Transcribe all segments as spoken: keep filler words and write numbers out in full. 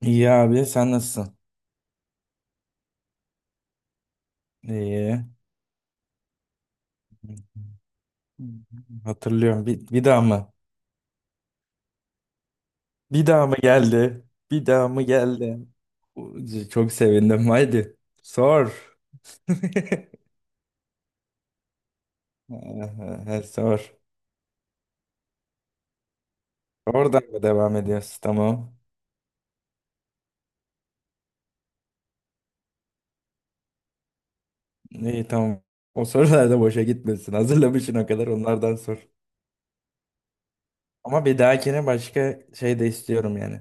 İyi abi sen nasılsın? İyi. Hatırlıyorum. Bir, bir daha mı? Bir daha mı geldi? Bir daha mı geldi? Çok sevindim. Haydi. Sor. He, Sor. Oradan mı devam ediyoruz? Tamam. İyi, tamam. O sorular da boşa gitmesin. Hazırlamışsın o kadar, onlardan sor. Ama bir dahakine başka şey de istiyorum yani.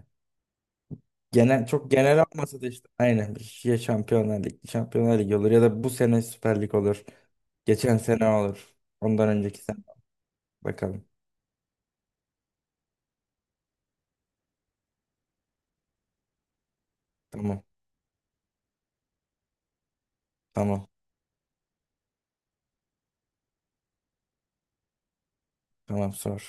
Genel, çok genel olmasa da, işte aynen ya, Şampiyonlar Ligi, Şampiyonlar Ligi olur ya da bu sene Süper Lig olur. Geçen sene olur. Ondan önceki sene bakalım. Tamam. Tamam. Tamam, sor.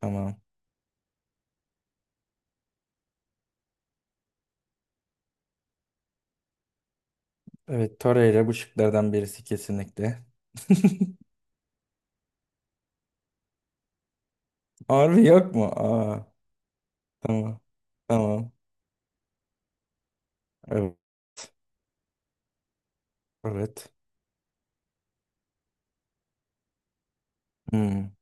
Tamam. Evet, Torreira bu şıklardan birisi kesinlikle. Harbi yok mu? Aa, tamam. Tamam. Evet. Evet. Hmm.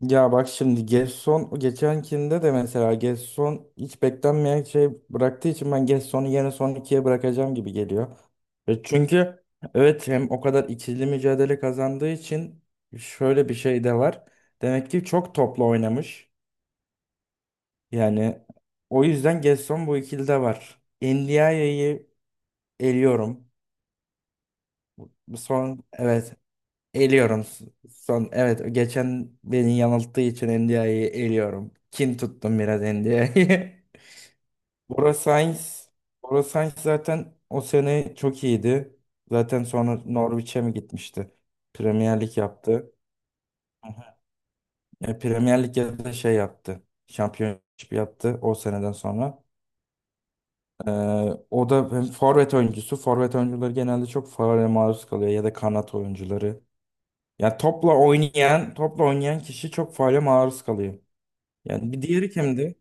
Ya bak şimdi Gerson, geçenkinde de mesela Gerson hiç beklenmeyen şey bıraktığı için, ben Gerson'u yine son ikiye bırakacağım gibi geliyor. E çünkü evet, hem o kadar ikili mücadele kazandığı için şöyle bir şey de var. Demek ki çok toplu oynamış. Yani o yüzden Gerson bu ikilide var. Endiaye'yi eliyorum. Bu son, evet, eliyorum. Son, evet, geçen beni yanılttığı için N D I'yi eliyorum. Kin tuttum biraz N D I'ye. Bora Sainz, Bora Sainz zaten o sene çok iyiydi. Zaten sonra Norwich'e mi gitmişti? Premier Lig yaptı. E, Premier Lig'de de şey yaptı. Championship yaptı o seneden sonra. E, O da hem forvet oyuncusu. Forvet oyuncuları genelde çok faule maruz kalıyor, ya da kanat oyuncuları. Ya topla oynayan, topla oynayan kişi çok faale maruz kalıyor. Yani bir diğeri kimdi?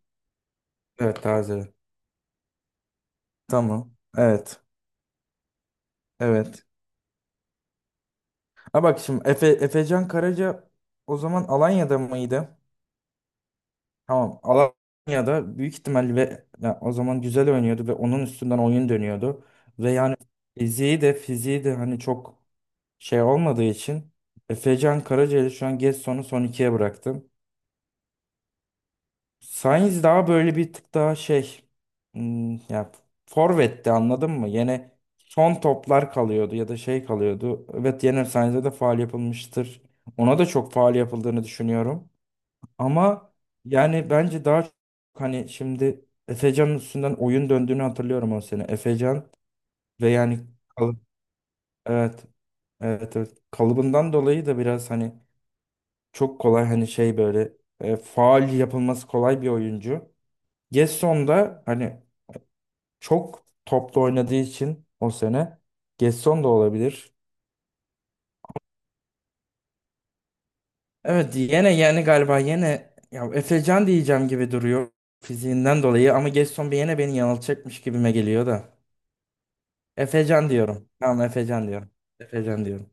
Evet, taze. Tamam. Evet. Evet. Ha bak şimdi Efe, Efecan Karaca o zaman Alanya'da mıydı? Tamam. Alanya'da büyük ihtimalle, ve ya o zaman güzel oynuyordu ve onun üstünden oyun dönüyordu. Ve yani fiziği de fiziği de hani çok şey olmadığı için Efecan Karaca'yı, şu an Gedson'u son ikiye bıraktım. Sainz daha böyle bir tık daha şey, hmm, ya forvetti, anladın mı? Yine son toplar kalıyordu ya da şey kalıyordu. Evet, yine Sainz'e de faul yapılmıştır. Ona da çok faul yapıldığını düşünüyorum. Ama yani bence daha çok, hani şimdi Efecan'ın üstünden oyun döndüğünü hatırlıyorum o sene. Efecan ve yani kalıp, evet evet evet kalıbından dolayı da biraz hani çok kolay, hani şey böyle, e, faul yapılması kolay bir oyuncu. Gesson da hani çok toplu oynadığı için o sene, Gesson da olabilir. Evet yine, yani galiba yine ya Efecan diyeceğim gibi duruyor fiziğinden dolayı, ama Gesson bir yine beni yanıltacakmış gibime geliyor da. Efecan diyorum. Tamam, Efecan diyorum. Efecan diyorum.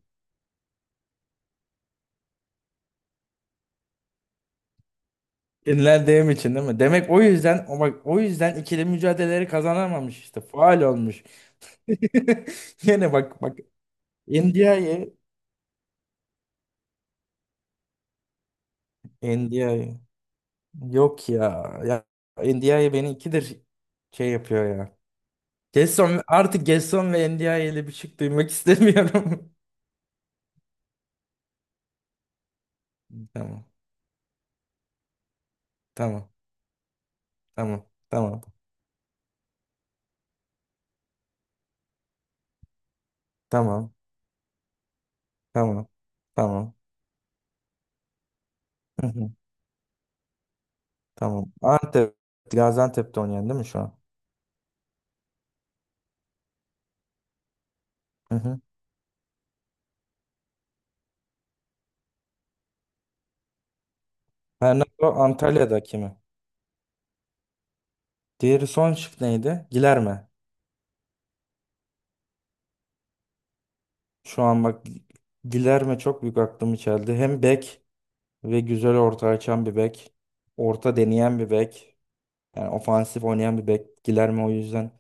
Dinlendiğim için değil mi? Demek o yüzden, o bak, o yüzden ikili mücadeleleri kazanamamış işte. Faal olmuş. Yine bak bak India'yı, India'yı, yok ya. Ya India'yı beni ikidir şey yapıyor ya. Gerson, artık Gerson ve N D I ile bir şey duymak istemiyorum. Tamam. Tamam. Tamam. Tamam. Tamam. Tamam. Tamam. Hı hı, tamam. Antep, Gaziantep'te oynayan değil mi şu an? Hı hı. Bernardo Antalya'daki mi? Diğeri, son şık neydi? Gilerme. Şu an bak, Gilerme çok büyük aklımı çeldi. Hem bek ve güzel orta açan bir bek. Orta deneyen bir bek. Yani ofansif oynayan bir bek. Gilerme o yüzden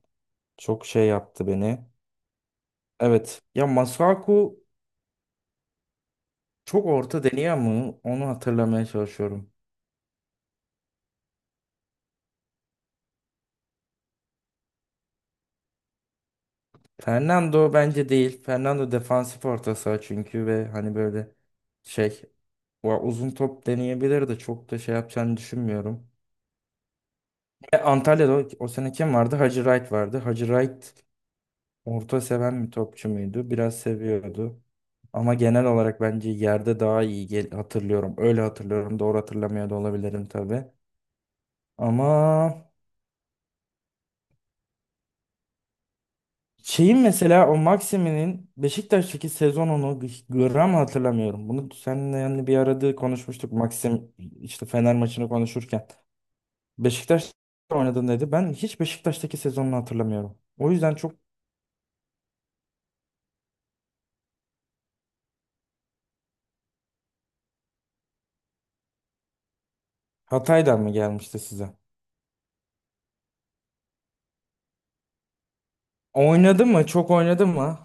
çok şey yaptı beni. Evet. Ya Masuaku çok orta deniyor mu? Onu hatırlamaya çalışıyorum. Fernando bence değil. Fernando defansif orta saha, çünkü ve hani böyle şey, o uzun top deneyebilir de, çok da şey yapacağını düşünmüyorum. E, Antalya'da o, o sene kim vardı? Hacı Wright vardı. Hacı Wright orta seven bir topçu muydu? Biraz seviyordu. Ama genel olarak bence yerde daha iyi gel- hatırlıyorum. Öyle hatırlıyorum. Doğru hatırlamıyor da olabilirim tabii. Ama şeyin mesela, o Maximin'in Beşiktaş'taki sezonunu gram hatırlamıyorum. Bunu seninle yani bir arada konuşmuştuk. Maxim işte Fener maçını konuşurken. Beşiktaş oynadın dedi. Ben hiç Beşiktaş'taki sezonunu hatırlamıyorum. O yüzden çok Hatay'dan mı gelmişti size? Oynadı mı? Çok oynadı mı?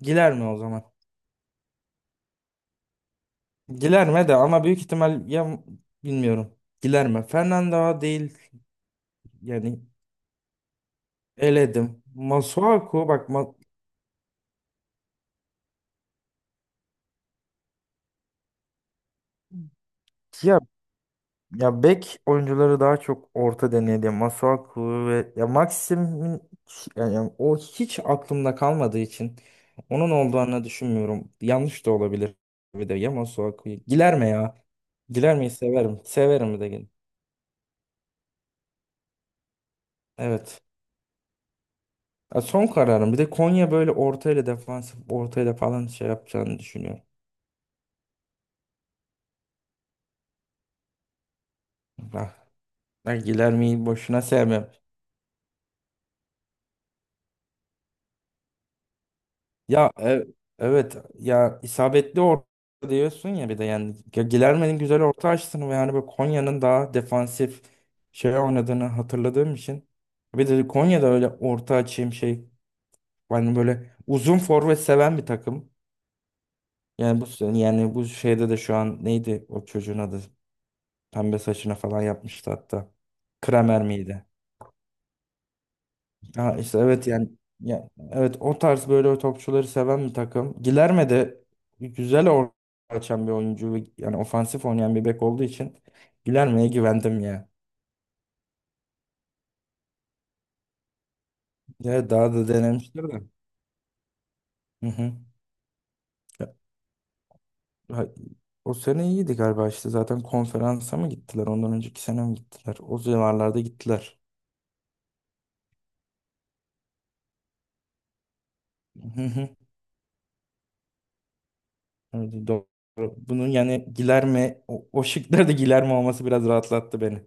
Giler mi o zaman? Giler mi de, ama büyük ihtimal ya, bilmiyorum. Giler mi? Fernando değil yani, eledim. Masuaku bak, ma- ya, ya bek oyuncuları daha çok orta denedi. Masuaku ve ya Maxim'in, yani yani o hiç aklımda kalmadığı için onun olduğunu düşünmüyorum. Yanlış da olabilir. Bir de ya Masuaku. Giler mi ya? Giler miyi severim. Severim, bir de gel. Evet. Ya son kararım. Bir de Konya böyle ortayla, defansif ortayla falan şey yapacağını düşünüyorum. Ah, ben Giler miyi boşuna sevmem. Ya e- evet, ya isabetli orta diyorsun ya, bir de yani Ge- Gilerme'nin güzel orta açtığını, ve yani böyle Konya'nın daha defansif şey oynadığını hatırladığım için, bir de Konya'da öyle orta açayım şey, yani böyle uzun forvet seven bir takım. Yani bu, yani bu şeyde de şu an neydi o çocuğun adı? Pembe saçına falan yapmıştı hatta. Kramer miydi? Ha işte evet yani, ya, evet o tarz böyle topçuları seven bir takım. Gilerme de güzel orta açan bir oyuncu ve yani ofansif oynayan bir bek olduğu için Gilerme'ye güvendim ya. Ya daha da denemişler de. Hı hı. Ya, ha- o sene iyiydi galiba işte, zaten konferansa mı gittiler, ondan önceki sene mi gittiler? O civarlarda gittiler. Hı hı. Evet, doğru. Bunun yani Gilerme, o, o şıklarda Guilherme olması biraz rahatlattı beni.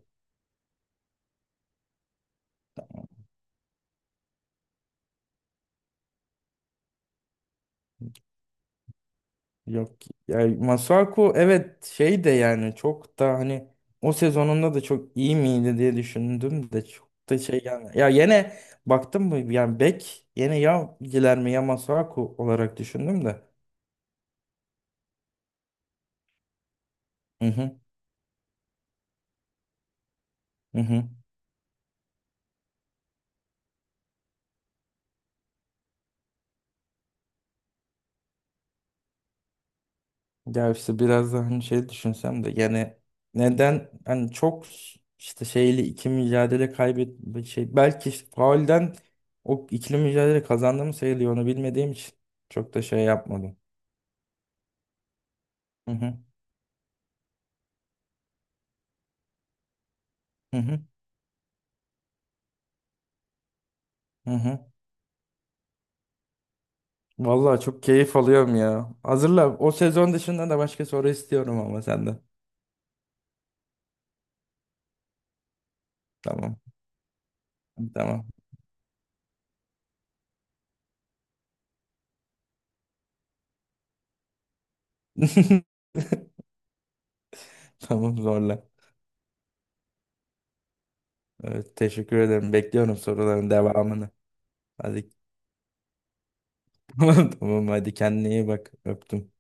Yok yani Masuaku, evet şey de, yani çok da hani o sezonunda da çok iyi miydi diye düşündüm de, çok da şey yani, ya yine baktım mı yani bek, yine ya Guilherme ya Masuaku olarak düşündüm de. Hı hı. Hı hı. Ya işte biraz daha hani şey düşünsem de yani, neden hani çok, işte şeyli iki mücadele kaybet şey, belki işte faulden o ikili mücadele kazandığımı sayılıyor, onu bilmediğim için çok da şey yapmadım. Hı hı. Hı hı. Hı hı. Vallahi çok keyif alıyorum ya. Hazırla. O sezon dışında da başka soru istiyorum ama senden. Tamam. Tamam. Tamam, zorla. Evet, teşekkür ederim. Bekliyorum soruların devamını. Hadi. Tamam tamam, hadi kendine iyi bak. Öptüm.